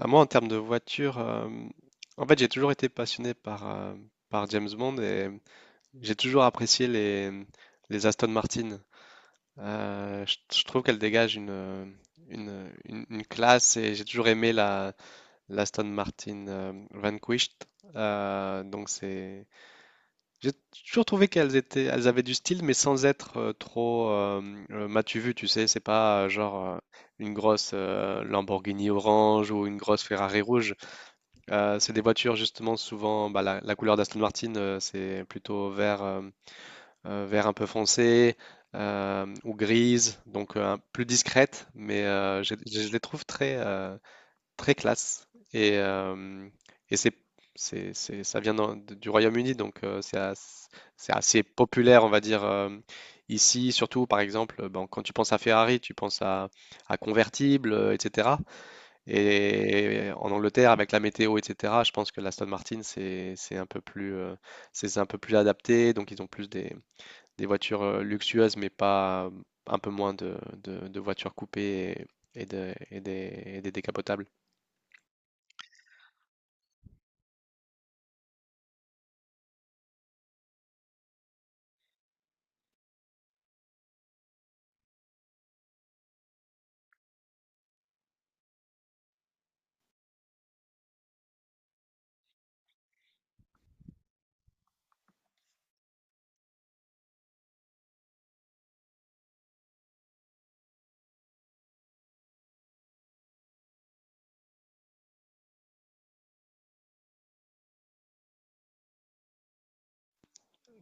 Ah, moi, en termes de voiture, en fait, j'ai toujours été passionné par James Bond et j'ai toujours apprécié les Aston Martin. Je trouve qu'elles dégagent une classe et j'ai toujours aimé la l'Aston Martin Vanquished. Donc j'ai toujours trouvé qu'elles étaient, elles avaient du style, mais sans être trop m'as-tu vu, tu sais, c'est pas genre une grosse Lamborghini orange ou une grosse Ferrari rouge. C'est des voitures justement souvent, bah, la couleur d'Aston Martin, c'est plutôt vert un peu foncé ou grise, donc plus discrète, mais les trouve très, très classe. Et, euh, et ça vient du Royaume-Uni, donc c'est assez populaire, on va dire, ici. Surtout par exemple, bon, quand tu penses à Ferrari, tu penses à convertible, etc. Et en Angleterre, avec la météo, etc., je pense que l'Aston Martin, c'est un peu plus adapté. Donc, ils ont plus des voitures luxueuses, mais pas un peu moins de voitures coupées et des décapotables.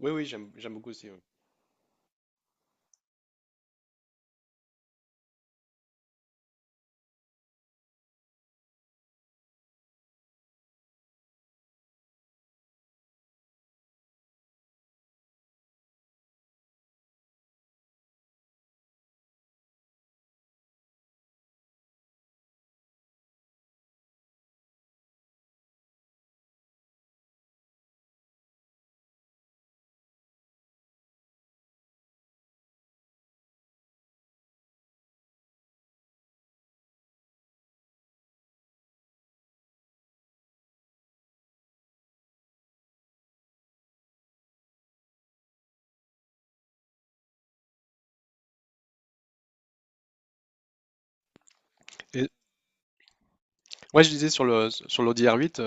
Oui, oui, j'aime beaucoup aussi. Oui. Et Ouais, je disais sur le sur l'audi, l'ODR8.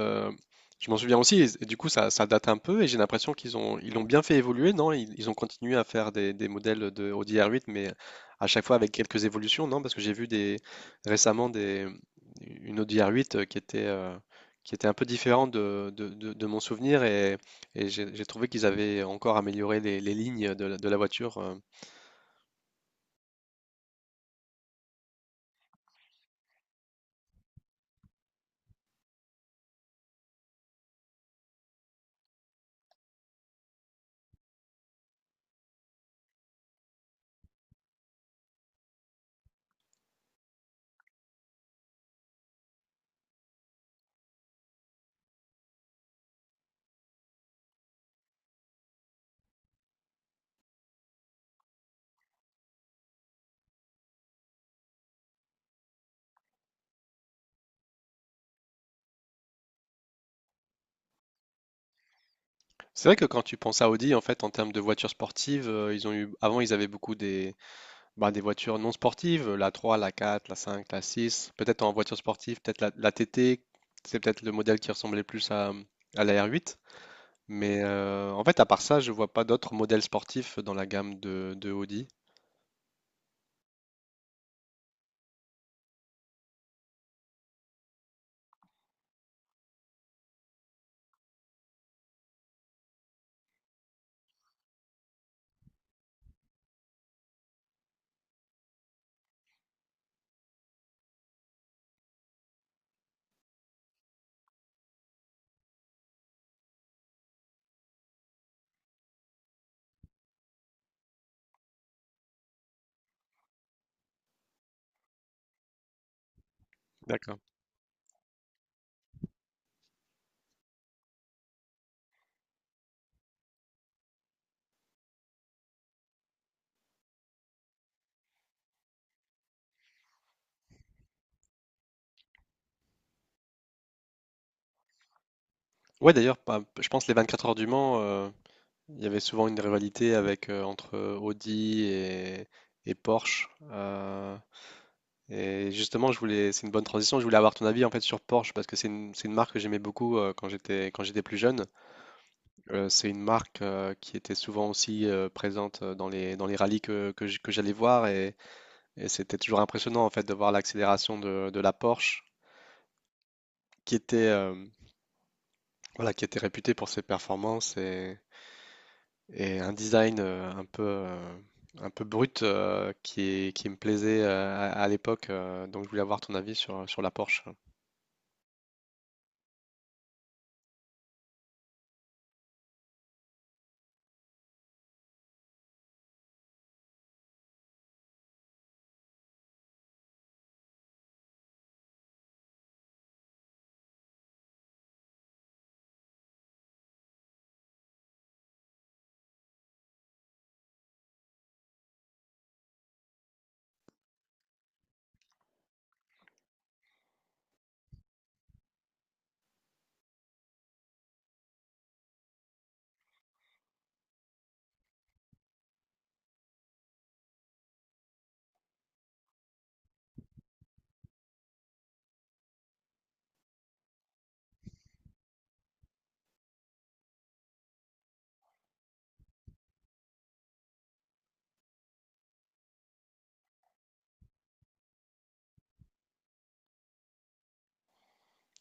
Je m'en souviens aussi, et du coup ça date un peu, et j'ai l'impression qu'ils ont ils l'ont bien fait évoluer, non? Ils ont continué à faire des modèles de audi r 8, mais à chaque fois avec quelques évolutions, non? Parce que j'ai vu des récemment des une audi ODR8 qui était un peu différente de mon souvenir, et j'ai trouvé qu'ils avaient encore amélioré les lignes de la voiture. C'est vrai que quand tu penses à Audi, en fait, en termes de voitures sportives, ils ont eu avant ils avaient beaucoup des bah, des voitures non sportives, la trois, la quatre, la cinq, la six, peut-être en voiture sportive, peut-être la TT, c'est peut-être le modèle qui ressemblait plus à la R8. Mais en fait, à part ça, je vois pas d'autres modèles sportifs dans la gamme de Audi. D'accord. Ouais, d'ailleurs, je pense les 24 heures du Mans, il y avait souvent une rivalité avec entre Audi et Porsche. Et justement, c'est une bonne transition. Je voulais avoir ton avis en fait sur Porsche parce que c'est une marque que j'aimais beaucoup quand j'étais plus jeune. C'est une marque qui était souvent aussi présente dans dans les rallyes que j'allais voir, et c'était toujours impressionnant en fait de voir l'accélération de la Porsche qui était, euh, voilà, qui était réputée pour ses performances et un design un peu brut qui me plaisait à l'époque. Donc je voulais avoir ton avis sur la Porsche.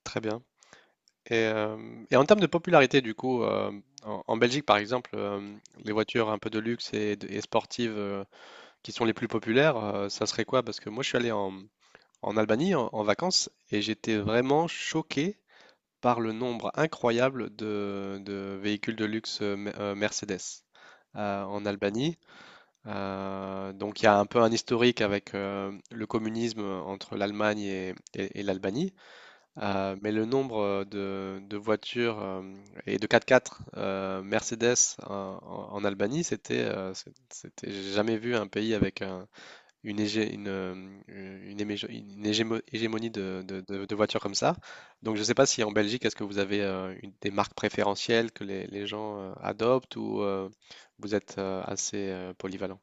Très bien. Et, euh, et en termes de popularité, du coup, en Belgique par exemple, les voitures un peu de luxe et, et sportives, qui sont les plus populaires, ça serait quoi? Parce que moi, je suis allé en Albanie en vacances, et j'étais vraiment choqué par le nombre incroyable de véhicules de luxe Mercedes en Albanie. Donc, il y a un peu un historique avec le communisme entre l'Allemagne et l'Albanie. Mais le nombre de voitures et de 4x4 Mercedes en Albanie, c'était... J'ai jamais vu un pays avec un une, hégé- une hémé- une hégémo- hégémonie de voitures comme ça. Donc je ne sais pas si en Belgique, est-ce que vous avez des marques préférentielles que les gens adoptent, ou vous êtes assez polyvalent?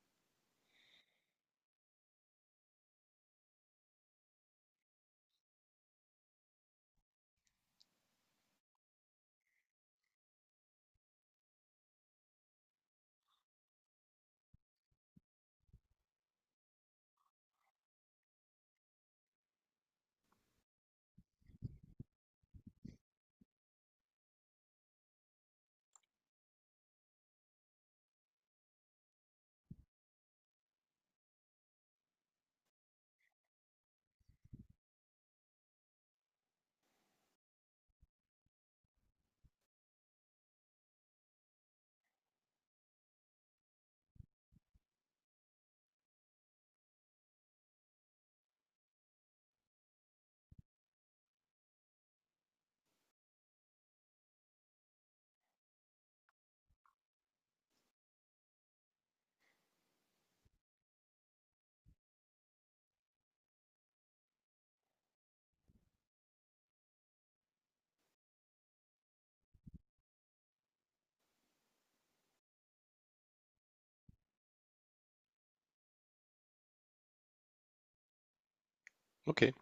Ok,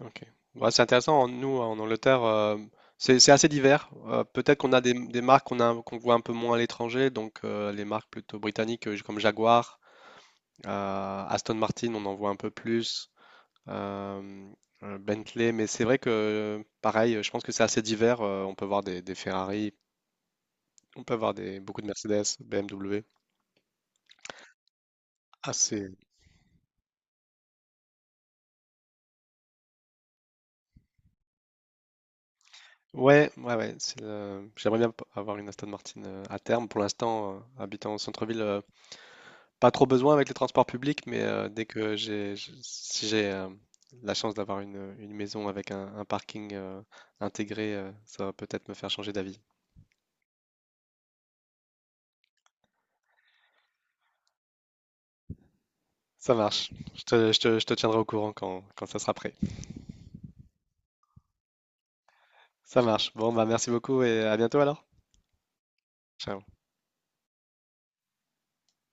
ok. Ouais, c'est intéressant. Nous, en Angleterre, c'est assez divers. Peut-être qu'on a des marques qu'on voit un peu moins à l'étranger, donc les marques plutôt britanniques, comme Jaguar, Aston Martin, on en voit un peu plus. Euh, Bentley. Mais c'est vrai que, pareil, je pense que c'est assez divers. On peut voir des Ferrari, on peut voir beaucoup de Mercedes, BMW. Assez. Ouais, ouais, ouais. J'aimerais bien avoir une Aston Martin à terme. Pour l'instant, habitant au centre-ville, pas trop besoin avec les transports publics, mais dès que j'ai, j- si j'ai la chance d'avoir une maison avec un parking intégré, ça va peut-être me faire changer d'avis. Ça marche. Je te tiendrai au courant quand ça sera prêt. Ça marche. Bon, bah merci beaucoup et à bientôt alors. Ciao.